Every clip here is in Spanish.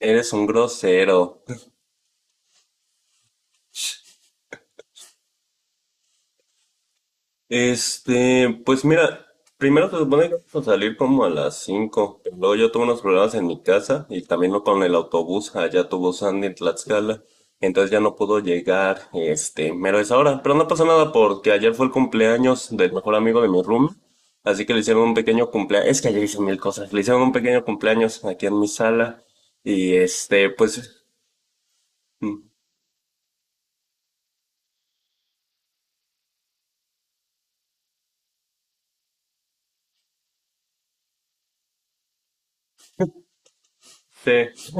Eres un grosero. Pues mira, primero se supone que vamos a salir como a las 5 pero luego yo tuve unos problemas en mi casa y también no con el autobús, allá tuvo Sandy en Tlaxcala, entonces ya no pudo llegar, mero es ahora, pero no pasa nada porque ayer fue el cumpleaños del mejor amigo de mi room, así que le hicieron un pequeño cumpleaños, es que ayer hice mil cosas, le hicieron un pequeño cumpleaños aquí en mi sala y pues, mm, sí.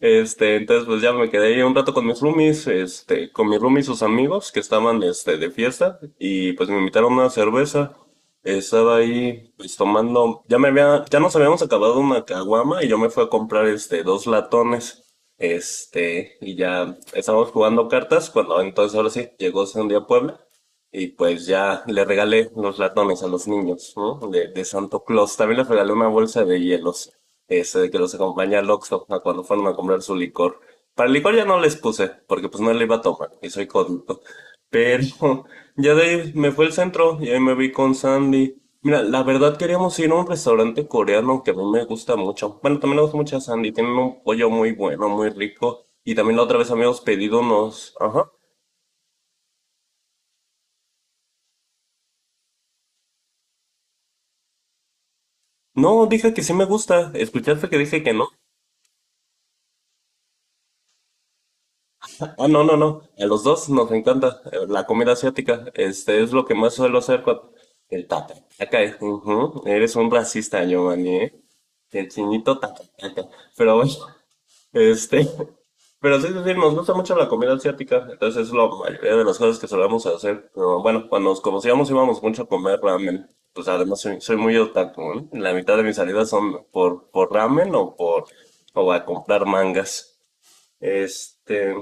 Entonces pues ya me quedé ahí un rato con mis roomies, con mis roomies sus amigos que estaban, de fiesta y pues me invitaron a una cerveza. Estaba ahí, pues tomando, ya nos habíamos acabado una caguama y yo me fui a comprar, dos latones, y ya estábamos jugando cartas cuando entonces ahora sí llegó Sandy a Puebla y pues ya le regalé los latones a los niños, ¿no? De Santo Claus. También les regalé una bolsa de hielos. Ese de que los acompaña al Oxxo a cuando fueron a comprar su licor. Para el licor ya no les puse, porque pues no le iba a tomar, y soy cómico. Pero ya de ahí me fui al centro y ahí me vi con Sandy. Mira, la verdad queríamos ir a un restaurante coreano que a mí me gusta mucho. Bueno, también me gusta mucho a Sandy. Tienen un pollo muy bueno, muy rico. Y también la otra vez habíamos pedido unos. Ajá. No, dije que sí me gusta. ¿Escuchaste que dije que no? Ah, no, no, no. A los dos nos encanta la comida asiática. Este es lo que más suelo hacer con el tata. Acá, ujú. Eres un racista, Giovanni, ¿eh? El chinito tata, tata. Pero bueno, este. Pero sí, sí, sí, nos gusta mucho la comida asiática. Entonces es la mayoría de las cosas que solemos hacer. Pero bueno, cuando nos conocíamos íbamos mucho a comer ramen. Pues además soy muy otaku, ¿no? La mitad de mis salidas son por ramen o a comprar mangas. Este.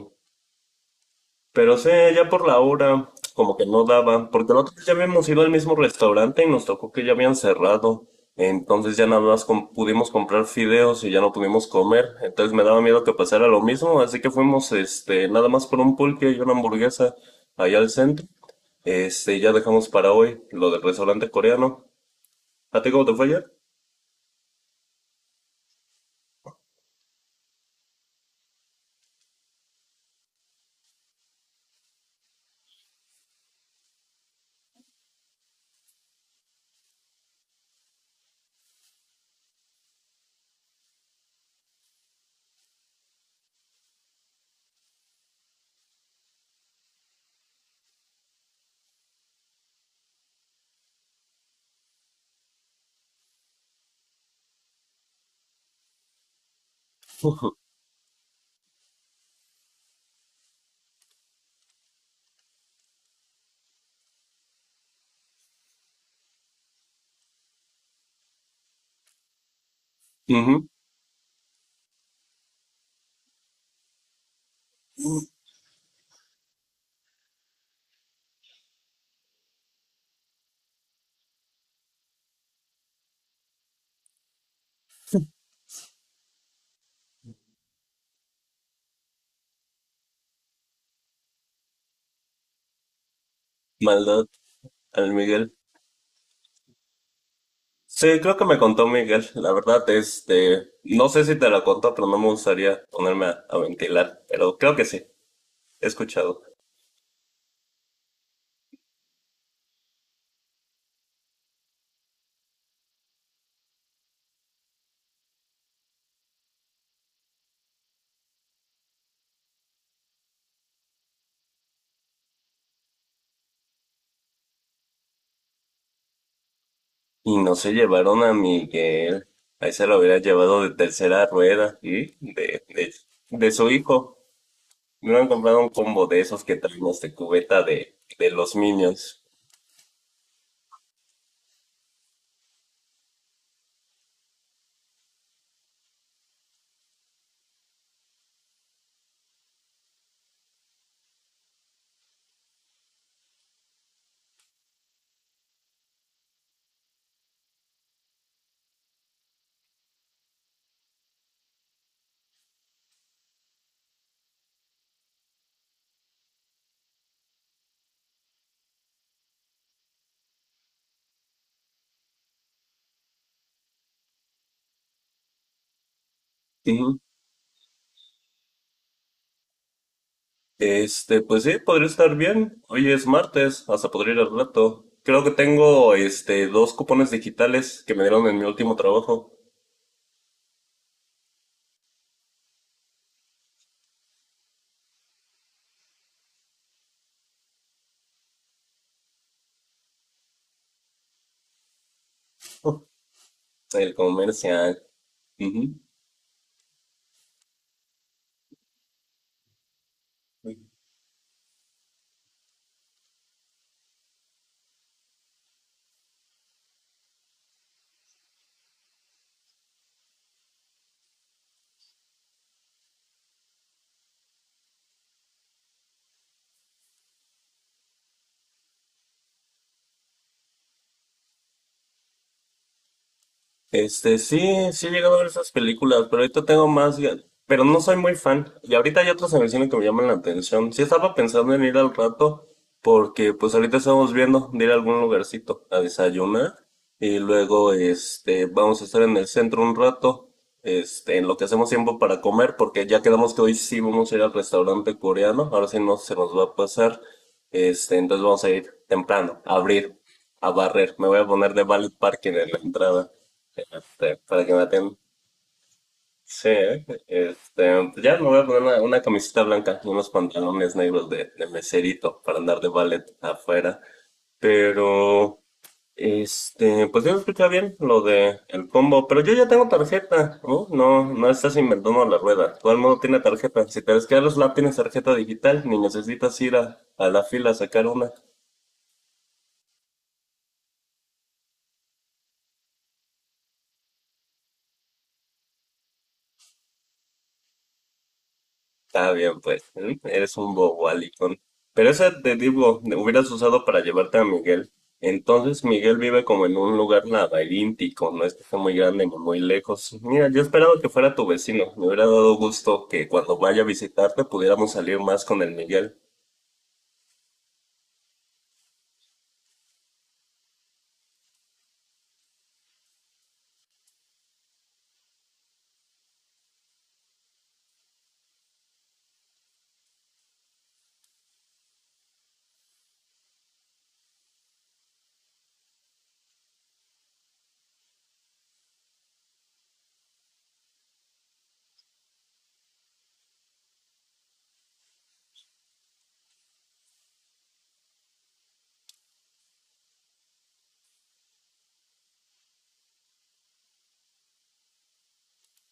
Pero sí, ya por la hora, como que no daba, porque la otra vez ya habíamos ido al mismo restaurante y nos tocó que ya habían cerrado. Entonces ya nada más pudimos comprar fideos y ya no pudimos comer. Entonces me daba miedo que pasara lo mismo, así que fuimos, nada más por un pulque y una hamburguesa allá al centro. Y ya dejamos para hoy lo del restaurante coreano. ¿A ti cómo te fue ayer? Ujú, maldad, al Miguel. Sí, creo que me contó Miguel. La verdad, no sé si te la contó, pero no me gustaría ponerme a ventilar. Pero creo que sí, he escuchado. Y no se llevaron a Miguel. Ahí se lo hubiera llevado de tercera rueda y de su hijo. Me hubieran comprado un combo de esos que traen cubeta de los Minions. Ujú. Pues sí, podría estar bien. Hoy es martes, hasta podría ir al rato. Creo que tengo, dos cupones digitales que me dieron en mi último trabajo. El comercial. Ujú. Sí, sí he llegado a ver esas películas, pero ahorita tengo más, pero no soy muy fan. Y ahorita hay otras en el cine que me llaman la atención. Sí estaba pensando en ir al rato, porque pues ahorita estamos viendo de ir a algún lugarcito a desayunar. Y luego, vamos a estar en el centro un rato, en lo que hacemos tiempo para comer, porque ya quedamos que hoy sí vamos a ir al restaurante coreano. Ahora sí no se nos va a pasar. Entonces vamos a ir temprano, a abrir, a barrer. Me voy a poner de valet parking en la entrada. Para que maten. Sí, ¿eh? Pues ya me voy a poner una camiseta blanca y unos pantalones negros de meserito para andar de ballet afuera. Pero, pues yo escuché bien lo de el combo, pero yo ya tengo tarjeta, ¿no? No, no estás inventando la rueda. Todo el mundo tiene tarjeta. Si te ves que a los lab tienes tarjeta digital, ni necesitas ir a la fila a sacar una. Está bien, pues. ¿Eh? Eres un bobo, Alicón. Pero ese te digo, hubieras usado para llevarte a Miguel. Entonces Miguel vive como en un lugar laberíntico, no es que esté muy grande ni muy lejos. Mira, yo esperaba que fuera tu vecino. Me hubiera dado gusto que cuando vaya a visitarte pudiéramos salir más con el Miguel.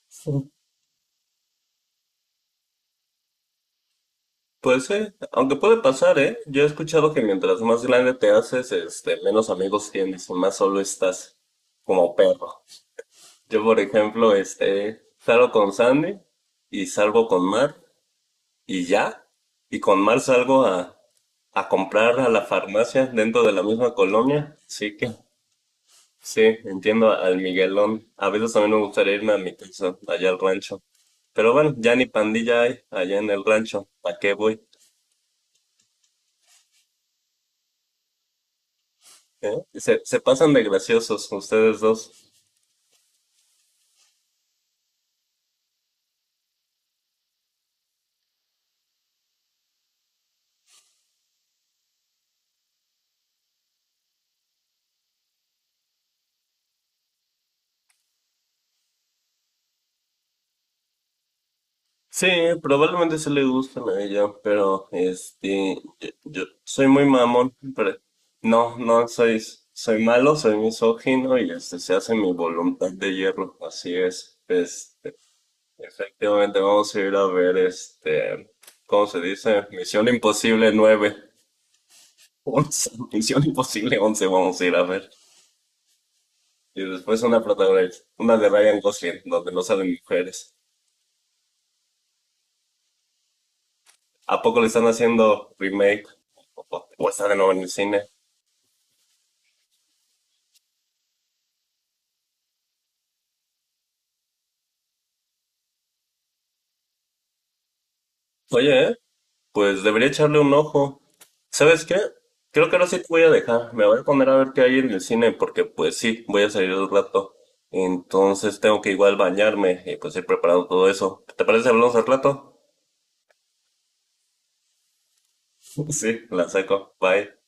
Sí. Pues sí, aunque puede pasar, ¿eh? Yo he escuchado que mientras más grande te haces, menos amigos tienes y más solo estás como perro. Yo, por ejemplo, salgo con Sandy y salgo con Mar y ya. Y con Mar salgo a comprar a la farmacia dentro de la misma colonia. Así que sí, entiendo al Miguelón. A veces también me gustaría irme a mi casa, allá al rancho. Pero bueno, ya ni pandilla hay allá en el rancho. ¿Para qué voy? ¿Eh? Se pasan de graciosos ustedes dos. Sí, probablemente se le gustan a ella, pero yo soy muy mamón, pero no, no soy, malo, soy misógino y se hace mi voluntad de hierro, así es. Efectivamente vamos a ir a ver ¿cómo se dice? Misión Imposible nueve, 11, Misión Imposible 11, vamos a ir a ver. Y después una protagonista, una de Ryan Gosling, donde no salen mujeres. ¿A poco le están haciendo remake? ¿O o está de nuevo en el cine? Oye, ¿eh? Pues debería echarle un ojo. ¿Sabes qué? Creo que ahora sí te voy a dejar. Me voy a poner a ver qué hay en el cine porque pues sí, voy a salir un rato. Entonces tengo que igual bañarme y pues ir preparando todo eso. ¿Te parece si hablamos al rato? Sí, la saco. Bye.